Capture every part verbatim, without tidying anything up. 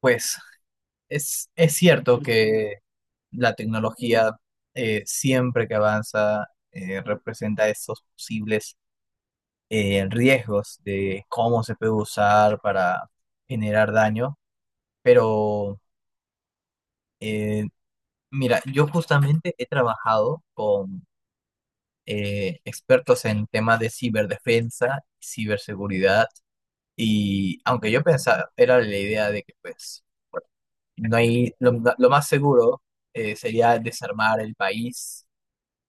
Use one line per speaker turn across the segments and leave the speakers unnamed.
Pues es, es cierto que la tecnología eh, siempre que avanza eh, representa esos posibles eh, riesgos de cómo se puede usar para generar daño, pero eh, mira, yo justamente he trabajado con eh, expertos en temas de ciberdefensa, ciberseguridad, y aunque yo pensaba, era la idea de que pues... No hay, lo, lo más seguro eh, sería desarmar el país.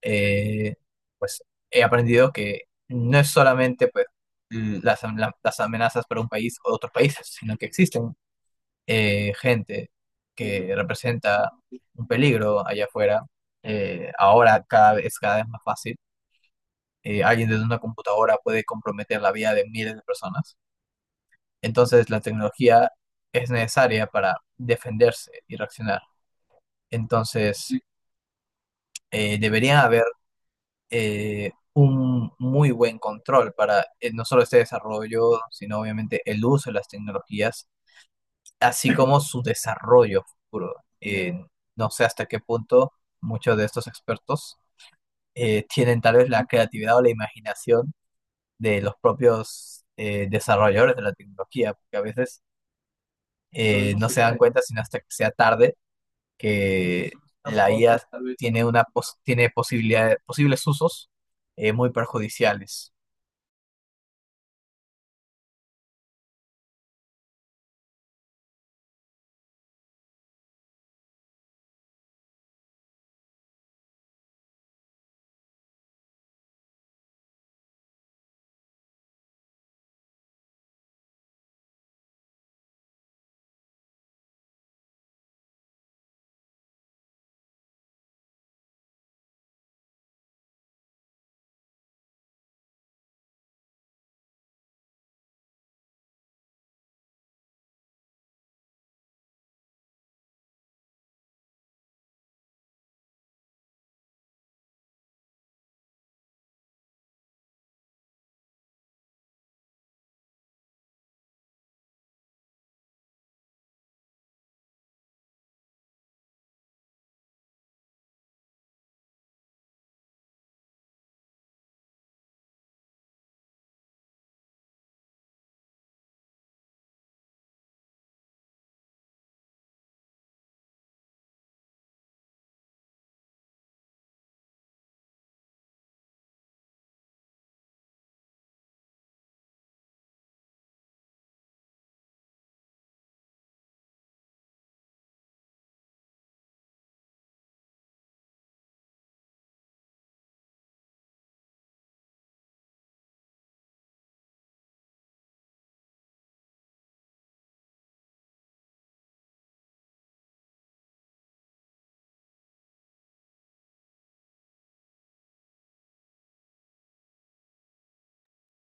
Eh, pues he aprendido que no es solamente pues, las, am- la- las amenazas para un país o otros países, sino que existen eh, gente que representa un peligro allá afuera. Eh, ahora cada vez, es cada vez más fácil. Eh, alguien desde una computadora puede comprometer la vida de miles de personas. Entonces la tecnología es necesaria para defenderse y reaccionar. Entonces, eh, debería haber eh, un muy buen control para eh, no solo este desarrollo, sino obviamente el uso de las tecnologías, así como su desarrollo futuro. Eh, no sé hasta qué punto muchos de estos expertos eh, tienen tal vez la creatividad o la imaginación de los propios eh, desarrolladores de la tecnología, porque a veces eh, no se dan cuenta sino hasta que sea tarde que la I A I A tiene una pos- tiene posibilidad- posibles usos eh, muy perjudiciales.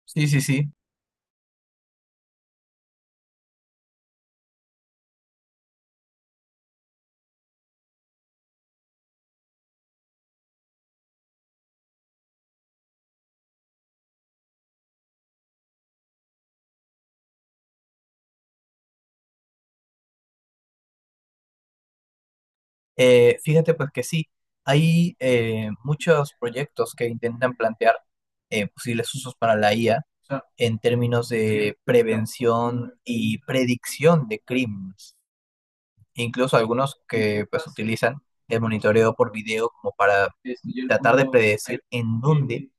Sí, sí, sí. Eh, fíjate pues que sí, hay eh, muchos proyectos que intentan plantear eh, posibles usos para la I A en términos de prevención y predicción de crímenes. Incluso algunos que pues utilizan el monitoreo por video como para tratar de predecir en dónde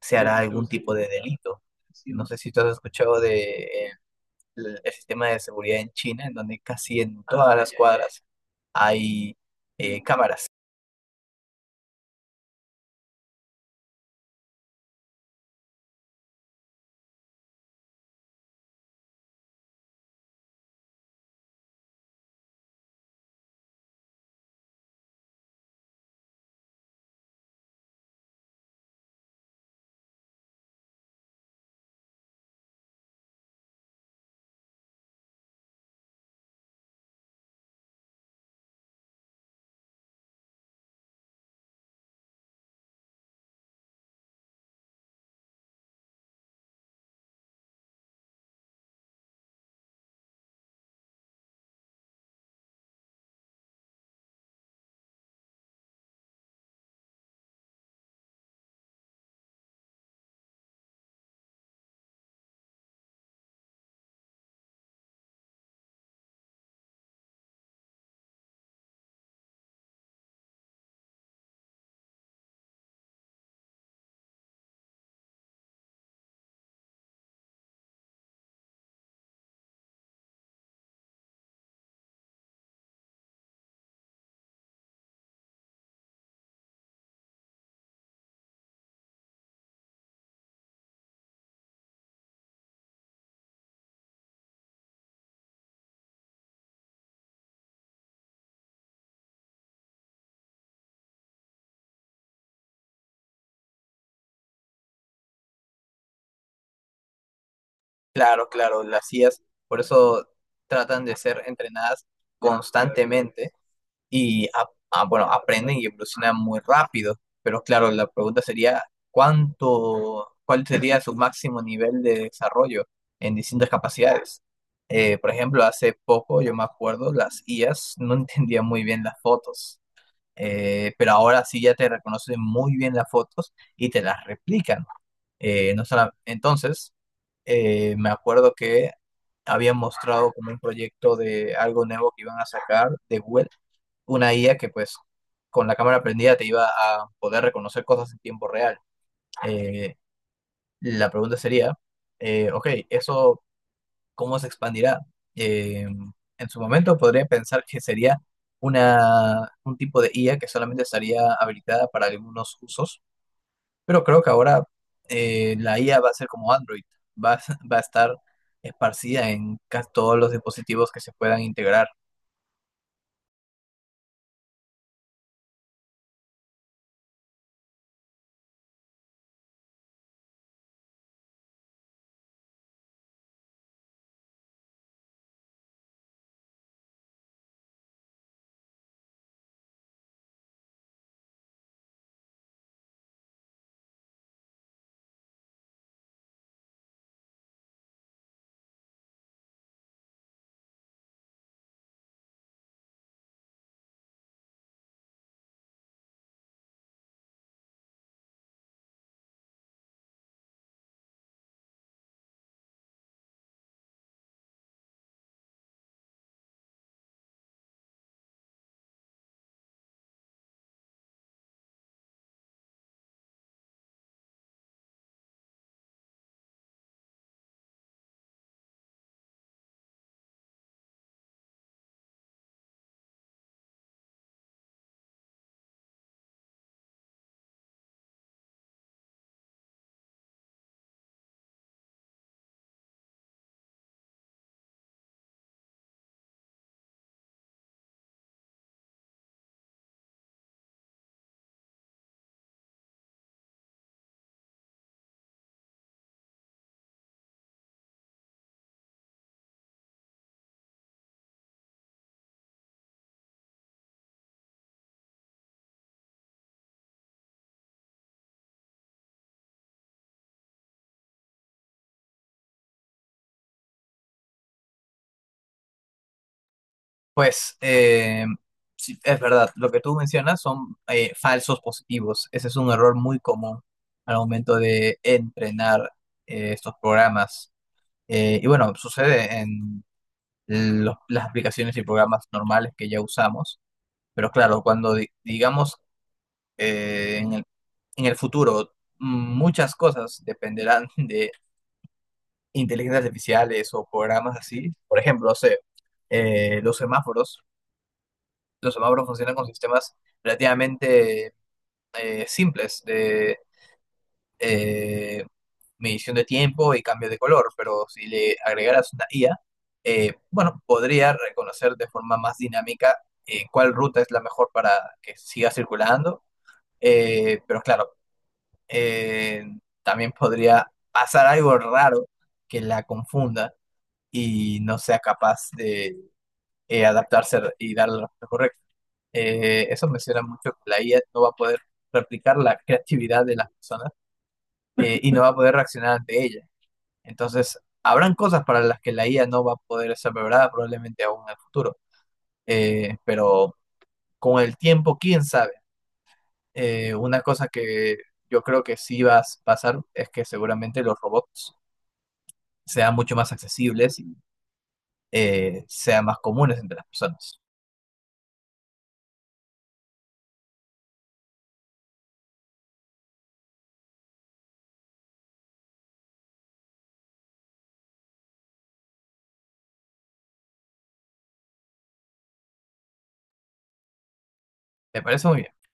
se hará algún tipo de delito. No sé si tú has escuchado de eh, el, el sistema de seguridad en China, en donde casi en todas las cuadras hay eh, cámaras. Claro, claro, las I As, por eso tratan de ser entrenadas constantemente y a- a- bueno, aprenden y evolucionan muy rápido. Pero claro, la pregunta sería, ¿cuánto, cuál sería su máximo nivel de desarrollo en distintas capacidades? Eh, por ejemplo, hace poco, yo me acuerdo, las I As no entendían muy bien las fotos, eh, pero ahora sí ya te reconocen muy bien las fotos y te las replican. Eh, no sola- entonces, eh, me acuerdo que habían mostrado como un proyecto de algo nuevo que iban a sacar de Google, una I A que pues con la cámara prendida te iba a poder reconocer cosas en tiempo real. Eh, la pregunta sería, eh, ok, ¿eso cómo se expandirá? Eh, en su momento podría pensar que sería una, un tipo de I A que solamente estaría habilitada para algunos usos, pero creo que ahora eh, la I A va a ser como Android, va, a- va a estar esparcida en casi todos los dispositivos que se puedan integrar. Pues eh, sí, es verdad, lo que tú mencionas son eh, falsos positivos. Ese es un error muy común al momento de entrenar eh, estos programas. Eh, y bueno, sucede en los- las aplicaciones y programas normales que ya usamos, pero claro, cuando di- digamos eh, en el, en el futuro mm, muchas cosas dependerán de inteligencias artificiales o programas así. Por ejemplo, no sé, eh, los semáforos. Los semáforos funcionan con sistemas relativamente eh, simples de eh, medición de tiempo y cambio de color, pero si le agregaras una I A, eh, bueno, podría reconocer de forma más dinámica eh, cuál ruta es la mejor para que siga circulando, eh, pero claro, eh, también podría pasar algo raro que la confunda y no sea capaz de eh, adaptarse y dar la respuesta correcta. Eh, eso menciona mucho que la I A no va a poder replicar la creatividad de las personas eh, y no va a poder reaccionar ante ella. Entonces, habrán cosas para las que la I A no va a poder ser preparada probablemente aún en el futuro. Eh, pero con el tiempo, quién sabe. Eh, una cosa que yo creo que sí va a pasar es que seguramente los robots sean mucho más accesibles y eh, sean más comunes entre las personas. Me parece muy bien.